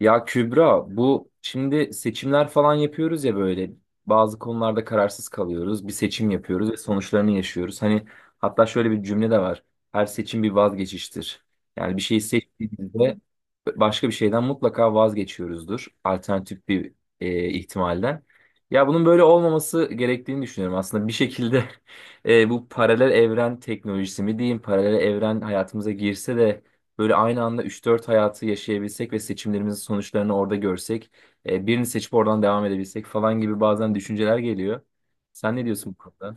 Ya Kübra bu şimdi seçimler falan yapıyoruz ya böyle bazı konularda kararsız kalıyoruz. Bir seçim yapıyoruz ve sonuçlarını yaşıyoruz. Hani hatta şöyle bir cümle de var. Her seçim bir vazgeçiştir. Yani bir şeyi seçtiğimizde başka bir şeyden mutlaka vazgeçiyoruzdur. Alternatif bir ihtimalden. Ya bunun böyle olmaması gerektiğini düşünüyorum. Aslında bir şekilde bu paralel evren teknolojisi mi diyeyim, paralel evren hayatımıza girse de böyle aynı anda üç dört hayatı yaşayabilsek ve seçimlerimizin sonuçlarını orada görsek, birini seçip oradan devam edebilsek falan gibi bazen düşünceler geliyor. Sen ne diyorsun bu konuda?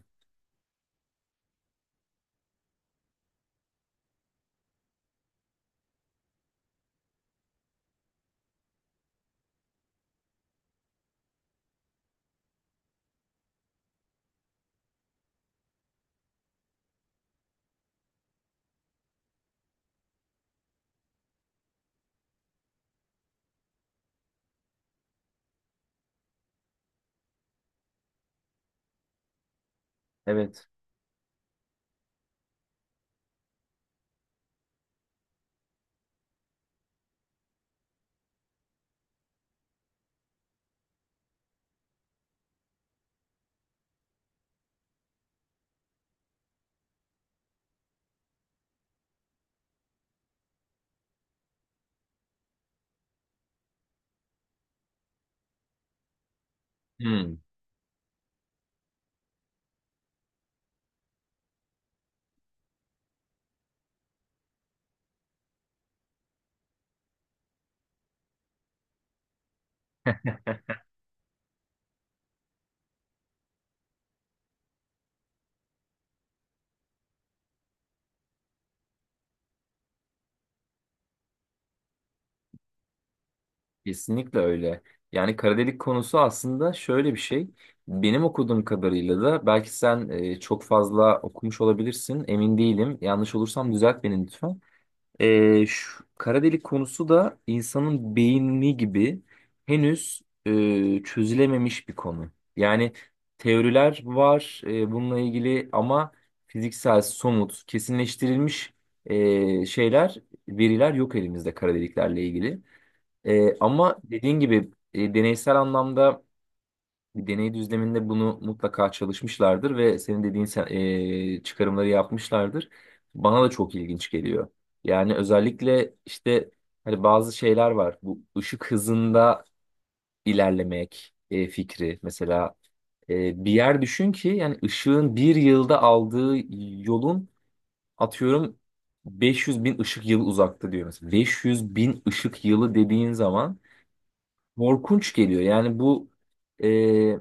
Evet. Hmm, kesinlikle öyle. Yani kara delik konusu aslında şöyle bir şey. Benim okuduğum kadarıyla da belki sen çok fazla okumuş olabilirsin. Emin değilim. Yanlış olursam düzelt beni lütfen. Şu kara delik konusu da insanın beyni gibi henüz çözülememiş bir konu. Yani teoriler var bununla ilgili ama fiziksel, somut, kesinleştirilmiş şeyler, veriler yok elimizde kara deliklerle ilgili. Ama dediğin gibi deneysel anlamda bir deney düzleminde bunu mutlaka çalışmışlardır ve senin dediğin çıkarımları yapmışlardır. Bana da çok ilginç geliyor. Yani özellikle işte hani bazı şeyler var. Bu ışık hızında ilerlemek fikri. Mesela bir yer düşün ki yani ışığın bir yılda aldığı yolun atıyorum 500 bin ışık yılı uzakta diyor mesela. 500 bin ışık yılı dediğin zaman korkunç geliyor. Yani bu e,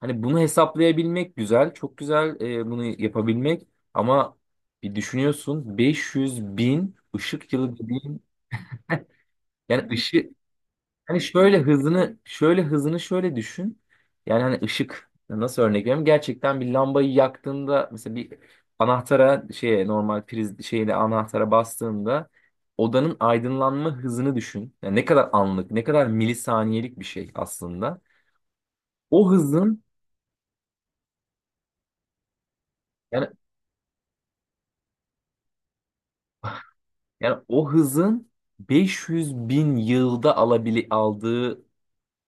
hani bunu hesaplayabilmek güzel, çok güzel, bunu yapabilmek ama bir düşünüyorsun 500 bin ışık yılı dediğin yani ışık hani şöyle hızını şöyle düşün. Yani hani ışık nasıl örnek vereyim? Gerçekten bir lambayı yaktığında mesela bir anahtara şeye normal priz şeyle anahtara bastığında odanın aydınlanma hızını düşün. Yani ne kadar anlık, ne kadar milisaniyelik bir şey aslında. O hızın yani yani o hızın 500 bin yılda aldığı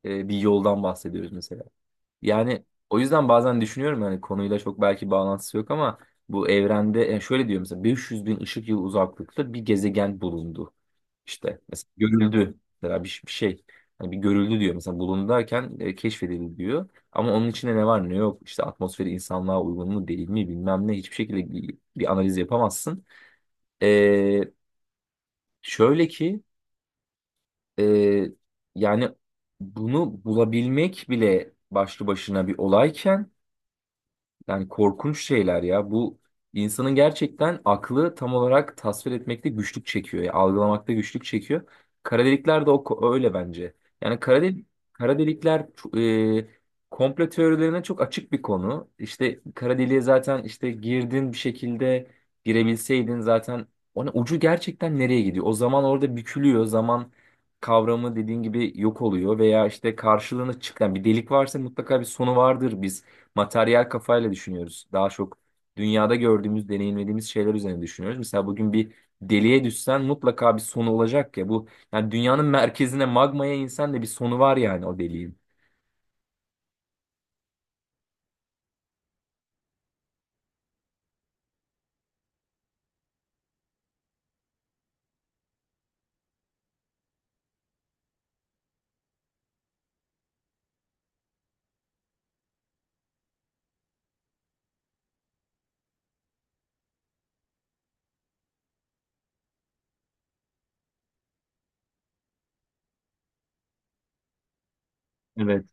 bir yoldan bahsediyoruz mesela. Yani o yüzden bazen düşünüyorum, yani konuyla çok belki bağlantısı yok ama bu evrende yani şöyle diyor mesela 500 bin ışık yılı uzaklıkta bir gezegen bulundu. İşte mesela görüldü, mesela bir şey. Hani bir görüldü diyor mesela, bulundu derken keşfedildi diyor. Ama onun içinde ne var ne yok, işte atmosferi insanlığa uygun mu değil mi, bilmem ne, hiçbir şekilde bir analiz yapamazsın. E, Şöyle ki e, yani bunu bulabilmek bile başlı başına bir olayken yani korkunç şeyler ya. Bu insanın gerçekten aklı tam olarak tasvir etmekte güçlük çekiyor. Ya algılamakta güçlük çekiyor. Kara delikler de öyle bence. Yani kara delikler komplo teorilerine çok açık bir konu. İşte kara deliğe zaten, işte girdin bir şekilde, girebilseydin zaten, ona ucu gerçekten nereye gidiyor? O zaman orada bükülüyor. Zaman kavramı dediğin gibi yok oluyor veya işte karşılığını çıkan bir delik varsa mutlaka bir sonu vardır. Biz materyal kafayla düşünüyoruz. Daha çok dünyada gördüğümüz, deneyimlediğimiz şeyler üzerine düşünüyoruz. Mesela bugün bir deliğe düşsen mutlaka bir sonu olacak ya. Bu yani dünyanın merkezine, magmaya insen de bir sonu var yani o deliğin. Evet.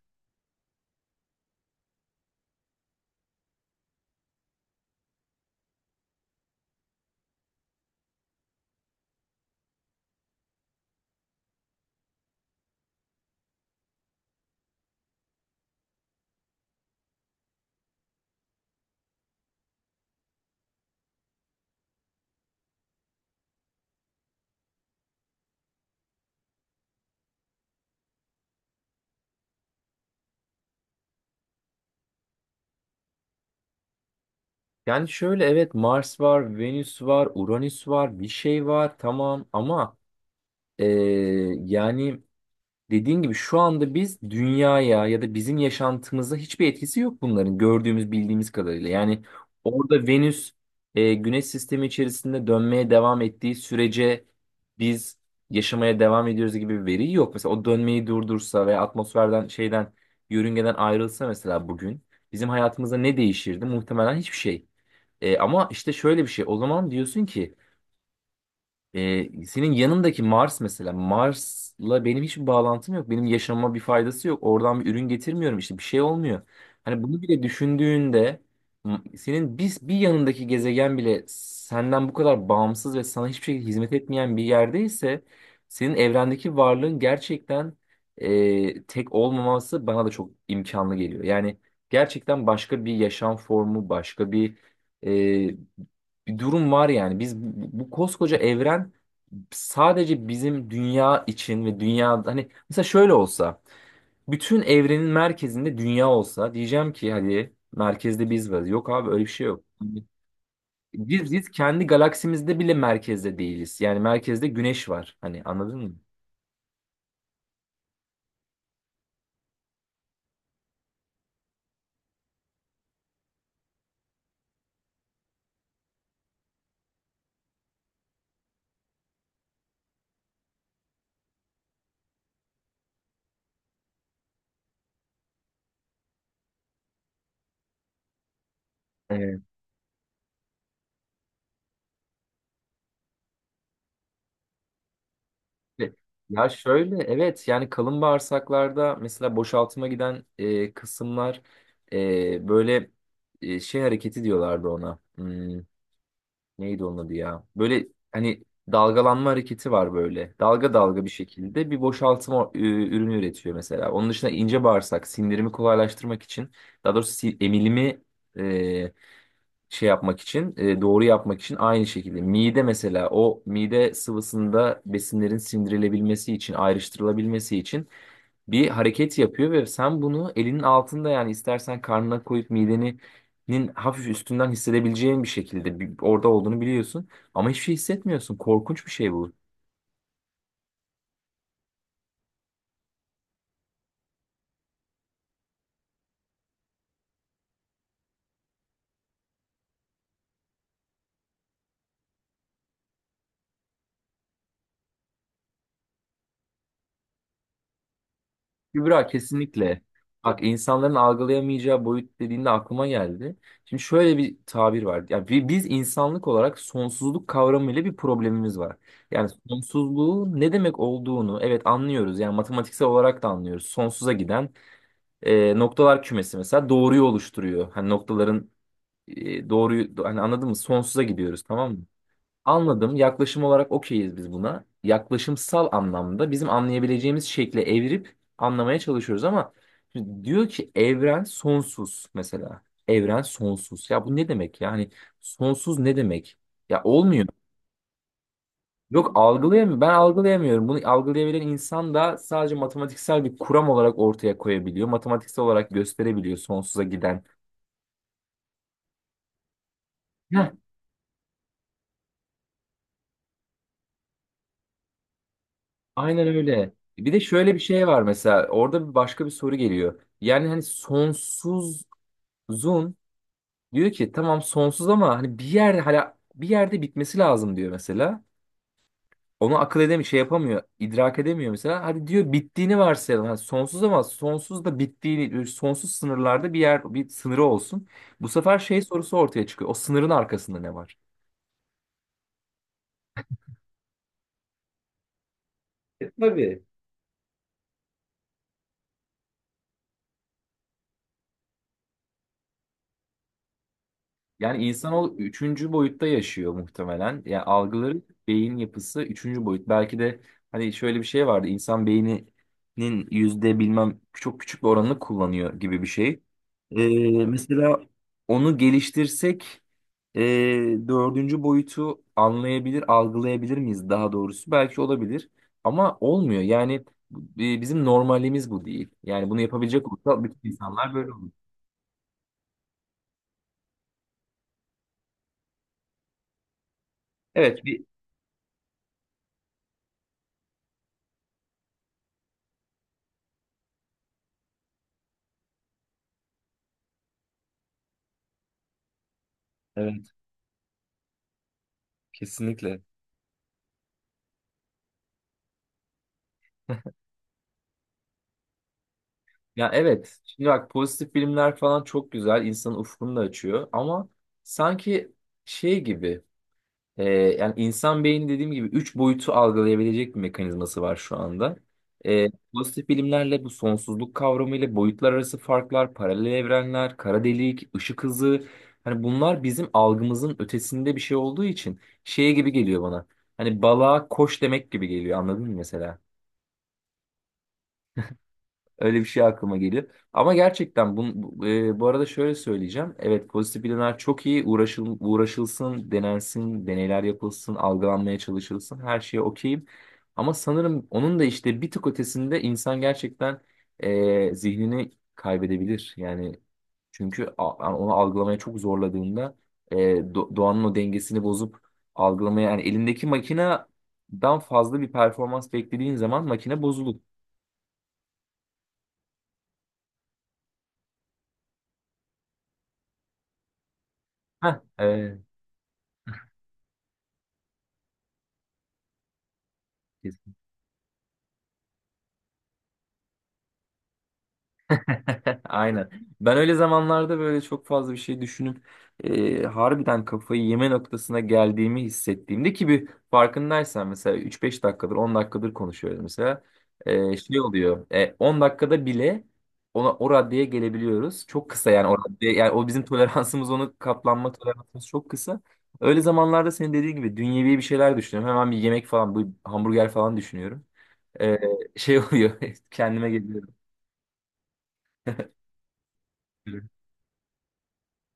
Yani şöyle, evet Mars var, Venüs var, Uranüs var, bir şey var tamam ama yani dediğin gibi şu anda biz dünyaya ya da bizim yaşantımıza hiçbir etkisi yok bunların, gördüğümüz bildiğimiz kadarıyla. Yani orada Venüs Güneş sistemi içerisinde dönmeye devam ettiği sürece biz yaşamaya devam ediyoruz gibi bir veri yok. Mesela o dönmeyi durdursa veya atmosferden, şeyden, yörüngeden ayrılsa mesela bugün bizim hayatımızda ne değişirdi? Muhtemelen hiçbir şey. Ama işte şöyle bir şey, o zaman diyorsun ki senin yanındaki Mars mesela, Mars'la benim hiçbir bağlantım yok. Benim yaşamama bir faydası yok. Oradan bir ürün getirmiyorum, işte bir şey olmuyor. Hani bunu bile düşündüğünde senin bir yanındaki gezegen bile senden bu kadar bağımsız ve sana hiçbir şekilde hizmet etmeyen bir yerdeyse senin evrendeki varlığın gerçekten tek olmaması bana da çok imkanlı geliyor. Yani gerçekten başka bir yaşam formu, başka e, bir durum var yani. Biz bu koskoca evren sadece bizim dünya için ve dünya, hani mesela şöyle olsa, bütün evrenin merkezinde dünya olsa, diyeceğim ki hadi merkezde biz varız. Yok abi öyle bir şey yok. Biz kendi galaksimizde bile merkezde değiliz. Yani merkezde güneş var. Hani anladın mı? Evet. Ve- ya şöyle, evet yani kalın bağırsaklarda mesela boşaltıma giden kısımlar, böyle şey hareketi diyorlardı ona. Neydi onun adı ya? Böyle hani dalgalanma hareketi var böyle. Dalga dalga bir şekilde bir boşaltma ürünü üretiyor mesela. Onun dışında ince bağırsak sindirimi kolaylaştırmak için, daha doğrusu emilimi e, şey yapmak için, doğru yapmak için, aynı şekilde mide mesela, o mide sıvısında besinlerin sindirilebilmesi için, ayrıştırılabilmesi için bir hareket yapıyor ve sen bunu elinin altında, yani istersen karnına koyup midenin hafif üstünden hissedebileceğin bir şekilde orada olduğunu biliyorsun ama hiçbir şey hissetmiyorsun. Korkunç bir şey bu. Kübra kesinlikle. Bak insanların algılayamayacağı boyut dediğinde aklıma geldi. Şimdi şöyle bir tabir var. Yani biz insanlık olarak sonsuzluk kavramıyla bir problemimiz var. Yani sonsuzluğu ne demek olduğunu, evet, anlıyoruz. Yani matematiksel olarak da anlıyoruz. Sonsuza giden noktalar kümesi mesela doğruyu oluşturuyor. Hani noktaların doğruyu, hani anladın mı? Sonsuza gidiyoruz tamam mı? Anladım. Yaklaşım olarak okeyiz biz buna. Yaklaşımsal anlamda bizim anlayabileceğimiz şekle evirip anlamaya çalışıyoruz ama şimdi diyor ki evren sonsuz mesela. Evren sonsuz. Ya bu ne demek ya? Hani sonsuz ne demek? Ya olmuyor. Yok, algılayamıyorum. Ben algılayamıyorum. Bunu algılayabilen insan da sadece matematiksel bir kuram olarak ortaya koyabiliyor. Matematiksel olarak gösterebiliyor sonsuza giden. Heh, Aynen öyle. Bir de şöyle bir şey var mesela, orada bir başka bir soru geliyor. Yani hani sonsuzun, diyor ki tamam sonsuz ama hani bir yerde, hala bir yerde bitmesi lazım, diyor mesela. Onu akıl edemiyor, şey yapamıyor, idrak edemiyor mesela. Hadi diyor, bittiğini varsayalım. Hani sonsuz ama sonsuz da bittiğini, sonsuz sınırlarda bir yer, bir sınırı olsun. Bu sefer şey sorusu ortaya çıkıyor. O sınırın arkasında ne var? Tabii. Yani insanoğlu üçüncü boyutta yaşıyor muhtemelen. Yani algıları, beyin yapısı üçüncü boyut. Belki de hani şöyle bir şey vardı. İnsan beyninin yüzde bilmem, çok küçük bir oranını kullanıyor gibi bir şey. Ee, mesela onu geliştirsek e, dördüncü boyutu anlayabilir, algılayabilir miyiz daha doğrusu? Belki olabilir ama olmuyor. Yani bizim normalimiz bu değil. Yani bunu yapabilecek olsa bütün insanlar böyle olur. Evet. Evet, kesinlikle. Ya evet. Şimdi bak, pozitif bilimler falan çok güzel. İnsanın ufkunu da açıyor. Ama sanki şey gibi, yani insan beyni dediğim gibi üç boyutu algılayabilecek bir mekanizması var şu anda. E, pozitif bilimlerle, bu sonsuzluk kavramıyla, boyutlar arası farklar, paralel evrenler, kara delik, ışık hızı. Hani bunlar bizim algımızın ötesinde bir şey olduğu için şey gibi geliyor bana. Hani balığa koş demek gibi geliyor, anladın mı mesela? Öyle bir şey aklıma geliyor. Ama gerçekten bu, bu arada şöyle söyleyeceğim. Evet, pozitif bilimler çok iyi. Uğraşılsın, denensin, deneyler yapılsın, algılanmaya çalışılsın. Her şeye okeyim. Ama sanırım onun da işte bir tık ötesinde insan gerçekten zihnini kaybedebilir. Yani çünkü yani onu algılamaya çok zorladığında doğanın o dengesini bozup algılamaya, yani elindeki makineden fazla bir performans beklediğin zaman makine bozulur. Heh, e, Aynen. Ben öyle zamanlarda böyle çok fazla bir şey düşünüp harbiden kafayı yeme noktasına geldiğimi hissettiğimde, ki bir farkındaysan mesela 3-5 dakikadır, 10 dakikadır konuşuyoruz mesela. Şey oluyor, 10 dakikada bile ona o raddeye gelebiliyoruz. Çok kısa yani o raddeye, yani o bizim toleransımız, onu katlanma toleransımız çok kısa. Öyle zamanlarda senin dediğin gibi dünyevi bir şeyler düşünüyorum. Hemen bir yemek falan, bu hamburger falan düşünüyorum. E, şey oluyor kendime geliyorum.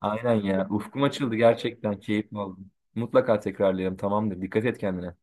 Aynen ya. Ufkum açıldı gerçekten. Keyifli oldu. Mutlaka tekrarlayalım. Tamamdır. Dikkat et kendine.